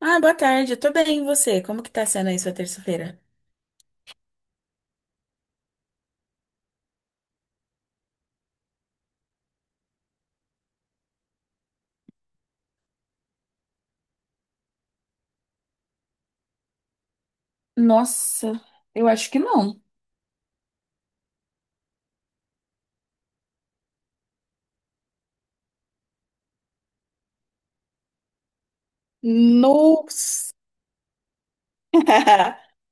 Ah, boa tarde, eu tô bem, e você? Como que tá sendo aí sua terça-feira? Nossa, eu acho que não. Nossa!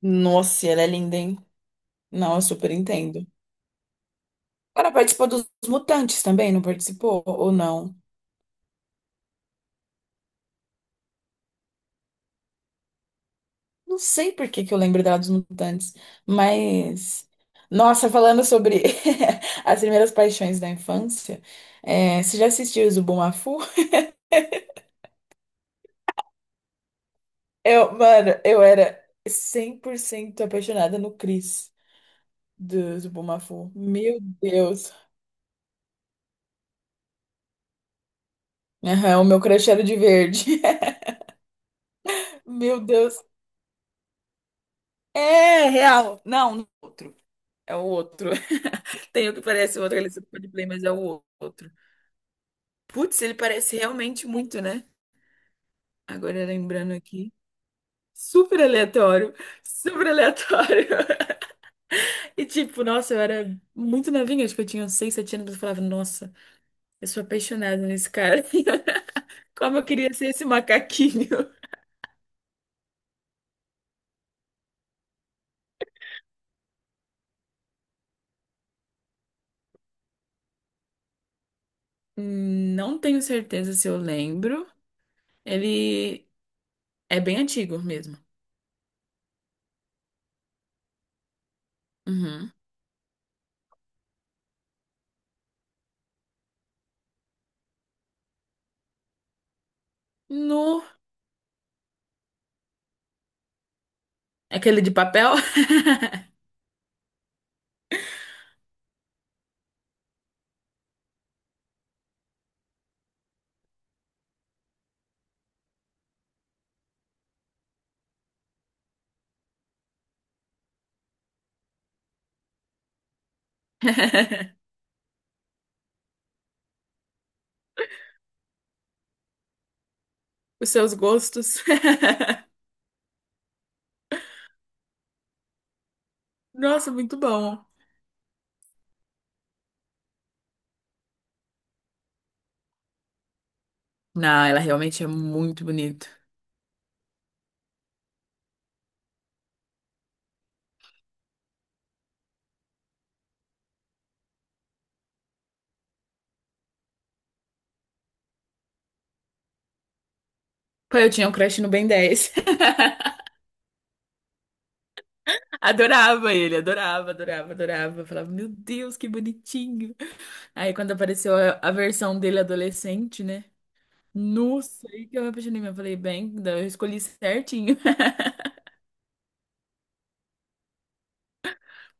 Nossa, ela é linda, hein? Não, eu super entendo. Ela participou dos Mutantes também, não participou? Ou não? Não sei por que que eu lembro dela dos Mutantes, mas. Nossa, falando sobre as primeiras paixões da infância, é, você já assistiu o Zubumafu? Eu, mano, eu era 100% apaixonada no Chris. Deus, o Bumafu. Meu Deus. Aham, o meu crush era de verde. Meu Deus. É real. Não, não é outro. É o outro. Tem o que parece o outro, ele é de play, mas é o outro. Putz, ele parece realmente muito, né? Agora lembrando aqui. Super aleatório. Super aleatório. E tipo, nossa, eu era muito novinha, acho que eu tinha uns 6, 7 anos, eu falava, nossa, eu sou apaixonada nesse cara. Como eu queria ser esse macaquinho. Não tenho certeza se eu lembro. Ele é bem antigo mesmo. Uhum. No. Aquele de papel? Os seus gostos. Nossa, muito bom. Não, ela realmente é muito bonita. Pô, eu tinha um crush no Ben 10. Adorava ele, adorava, adorava, adorava. Falava, meu Deus, que bonitinho. Aí quando apareceu a versão dele adolescente, né? Nossa, aí que eu me apaixonei mesmo. Eu falei, bem, eu escolhi certinho.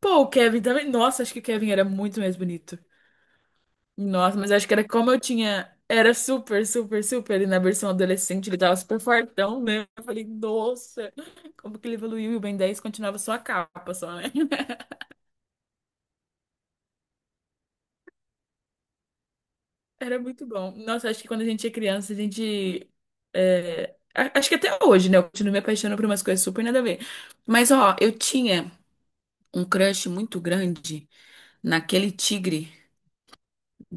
Pô, o Kevin também. Nossa, acho que o Kevin era muito mais bonito. Nossa, mas acho que era como eu tinha. Era super, super, super. E na versão adolescente ele tava super fortão, né? Eu falei, nossa, como que ele evoluiu? E o Ben 10 continuava só a capa, só, né? Era muito bom. Nossa, acho que quando a gente é criança, a gente. Acho que até hoje, né? Eu continuo me apaixonando por umas coisas super nada a ver. Mas, ó, eu tinha um crush muito grande naquele tigre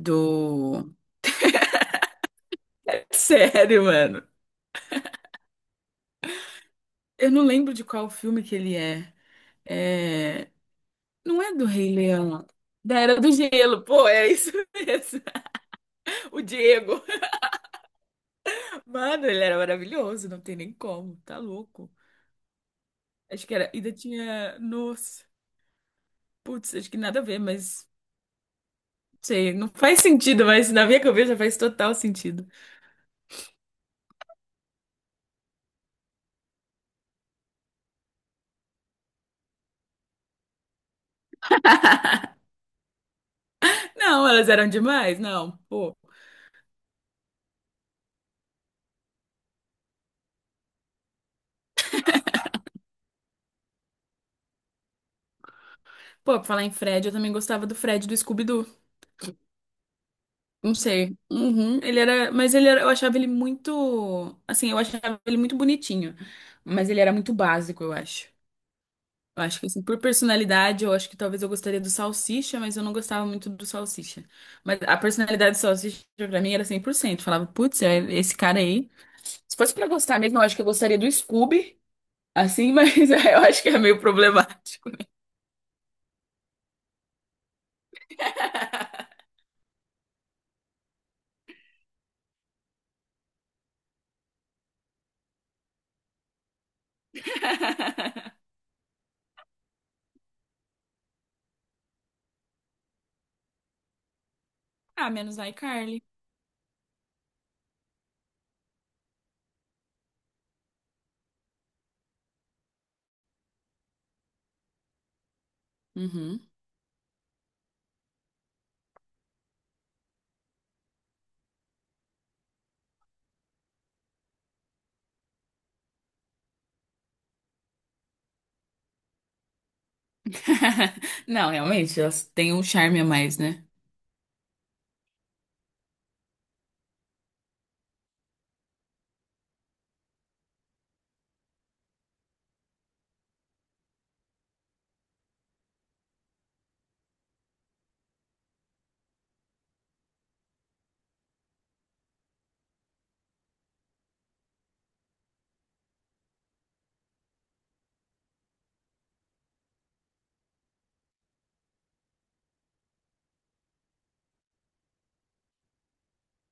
do. Sério, mano. Eu não lembro de qual filme que ele é. É, não é do Rei Leão. Da Era do Gelo. Pô, é isso mesmo. O Diego. Mano, ele era maravilhoso. Não tem nem como. Tá louco. Acho que era. Ainda tinha. Nossa. Putz, acho que nada a ver, mas. Sei, não faz sentido, mas na minha cabeça faz total sentido. Não, elas eram demais? Não, pô. Pô, pra falar em Fred, eu também gostava do Fred do Scooby-Doo. Não sei. Uhum, ele era. Mas ele era. Eu achava ele muito. Assim, eu achava ele muito bonitinho. Mas ele era muito básico, eu acho. Eu acho que assim, por personalidade, eu acho que talvez eu gostaria do salsicha, mas eu não gostava muito do salsicha. Mas a personalidade do salsicha pra mim era 100%. Falava, putz, é esse cara aí. Se fosse pra gostar mesmo, eu acho que eu gostaria do Scooby, assim, mas eu acho que é meio problemático. Ah, menos iCarly. Uhum. Não, realmente, elas têm um charme a mais, né?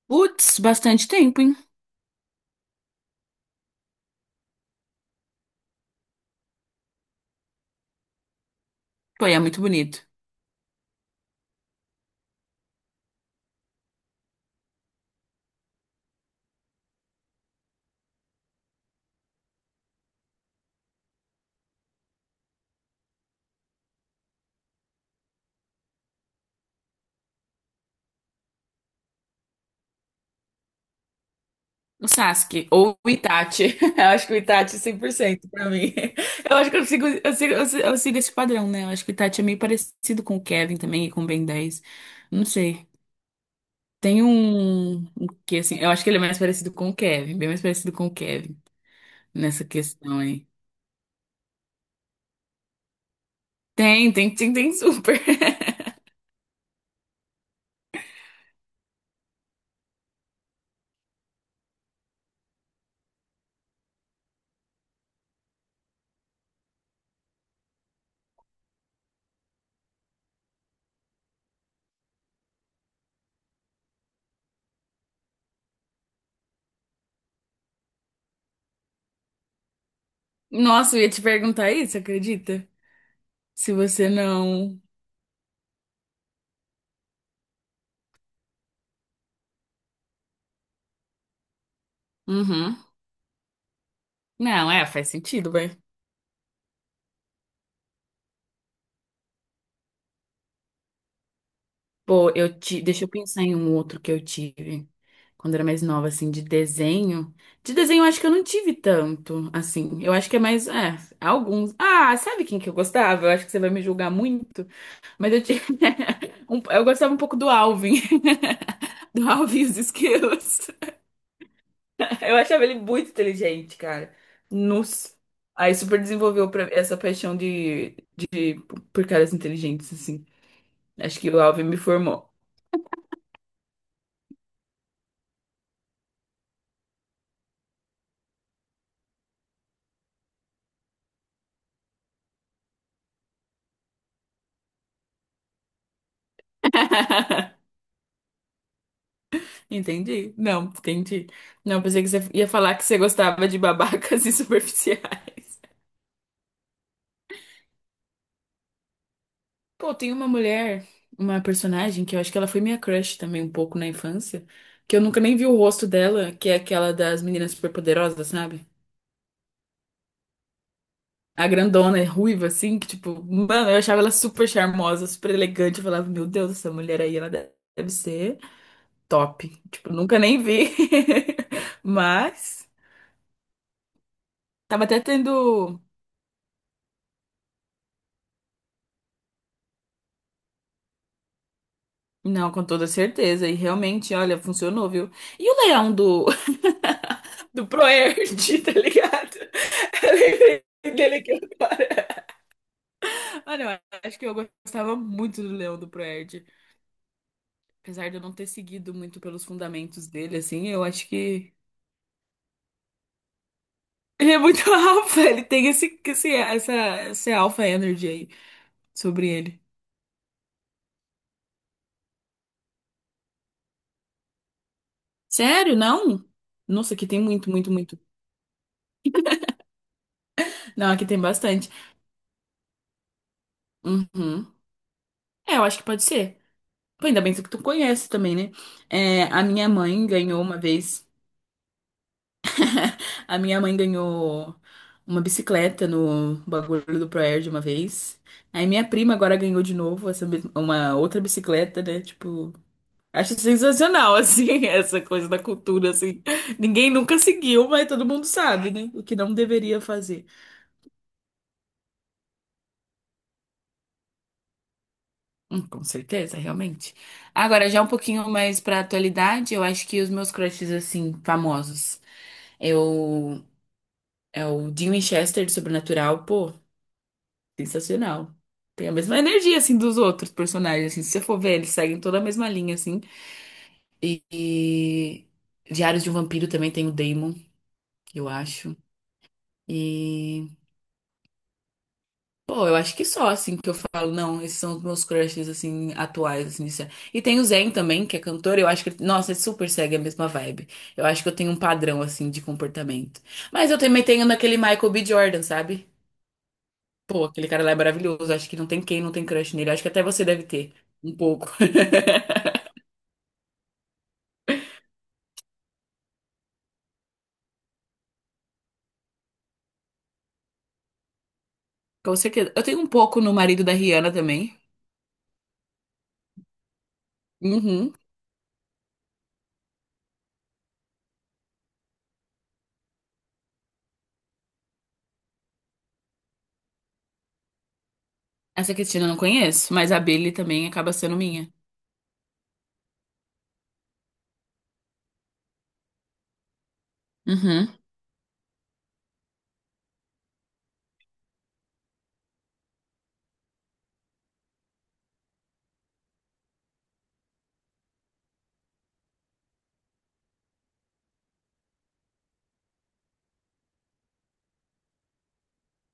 Putz, bastante tempo, hein? Pô, e é muito bonito. O Sasuke ou o Itachi. Eu acho que o Itachi é 100%, pra mim. Eu acho que eu sigo esse padrão, né? Eu acho que o Itachi é meio parecido com o Kevin também e com o Ben 10. Não sei. Tem um que assim, eu acho que ele é mais parecido com o Kevin, bem mais parecido com o Kevin nessa questão aí. Tem super. Nossa, eu ia te perguntar isso, acredita? Se você não. Uhum. Não, é, faz sentido. Pô, deixa eu pensar em um outro que eu tive quando era mais nova, assim, de desenho. De desenho, eu acho que eu não tive tanto, assim. Eu acho que é mais, é, alguns. Ah, sabe quem que eu gostava? Eu acho que você vai me julgar muito, mas eu tive eu gostava um pouco do Alvin. Do Alvin e os Esquilos. Eu achava ele muito inteligente, cara. Nossa. Aí super desenvolveu essa paixão de por caras inteligentes, assim. Acho que o Alvin me formou. Entendi. Não, entendi. Não, pensei que você ia falar que você gostava de babacas e superficiais. Pô, tem uma mulher, uma personagem que eu acho que ela foi minha crush também um pouco na infância, que eu nunca nem vi o rosto dela, que é aquela das meninas superpoderosas, sabe? A grandona, é ruiva, assim, que tipo, mano, eu achava ela super charmosa, super elegante. Eu falava, meu Deus, essa mulher aí, ela deve ser top. Tipo, nunca nem vi. Mas, tava até tendo. Não, com toda certeza. E realmente, olha, funcionou, viu? E o leão do, do ProErd, tá ligado? Eu lembrei dele aqui agora. Olha, eu acho que eu gostava muito do leão do ProErd. Apesar de eu não ter seguido muito pelos fundamentos dele, assim, eu acho que ele é muito alfa. Ele tem esse alfa energy aí sobre ele. Sério? Não? Nossa, aqui tem muito, muito, muito. Não, aqui tem bastante. Uhum. É, eu acho que pode ser. Pô, ainda bem que tu conhece também, né? É, a minha mãe ganhou uma vez. A minha mãe ganhou uma bicicleta no bagulho do Proerd de uma vez. Aí minha prima agora ganhou de novo uma outra bicicleta, né? Tipo, acho sensacional, assim, essa coisa da cultura, assim. Ninguém nunca seguiu, mas todo mundo sabe, né? O que não deveria fazer. Com certeza, realmente. Agora, já um pouquinho mais pra atualidade, eu acho que os meus crushes, assim, famosos. Eu É o Dean Winchester de Sobrenatural, pô, sensacional. Tem a mesma energia, assim, dos outros personagens, assim, se você for ver, eles seguem toda a mesma linha, assim. E Diários de um Vampiro também tem o Damon, eu acho. E, pô, eu acho que só, assim, que eu falo, não, esses são os meus crushes, assim, atuais, assim, isso é. E tem o Zayn também, que é cantor, eu acho que, nossa, ele super segue a mesma vibe. Eu acho que eu tenho um padrão, assim, de comportamento. Mas eu também tenho naquele Michael B. Jordan, sabe? Pô, aquele cara lá é maravilhoso. Acho que não tem quem não tem crush nele. Acho que até você deve ter. Um pouco. Com certeza. Eu tenho um pouco no marido da Rihanna também. Uhum. Essa Cristina eu não conheço, mas a Billie também acaba sendo minha. Uhum.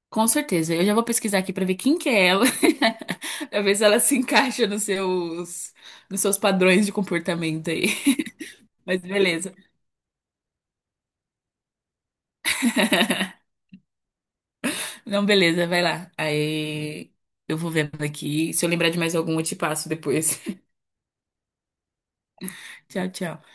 Com certeza. Eu já vou pesquisar aqui pra ver quem que é ela. Pra ver se ela se encaixa nos seus padrões de comportamento aí. Mas beleza. Não, beleza, vai lá. Aí eu vou vendo aqui. Se eu lembrar de mais algum, eu te passo depois. Tchau, tchau.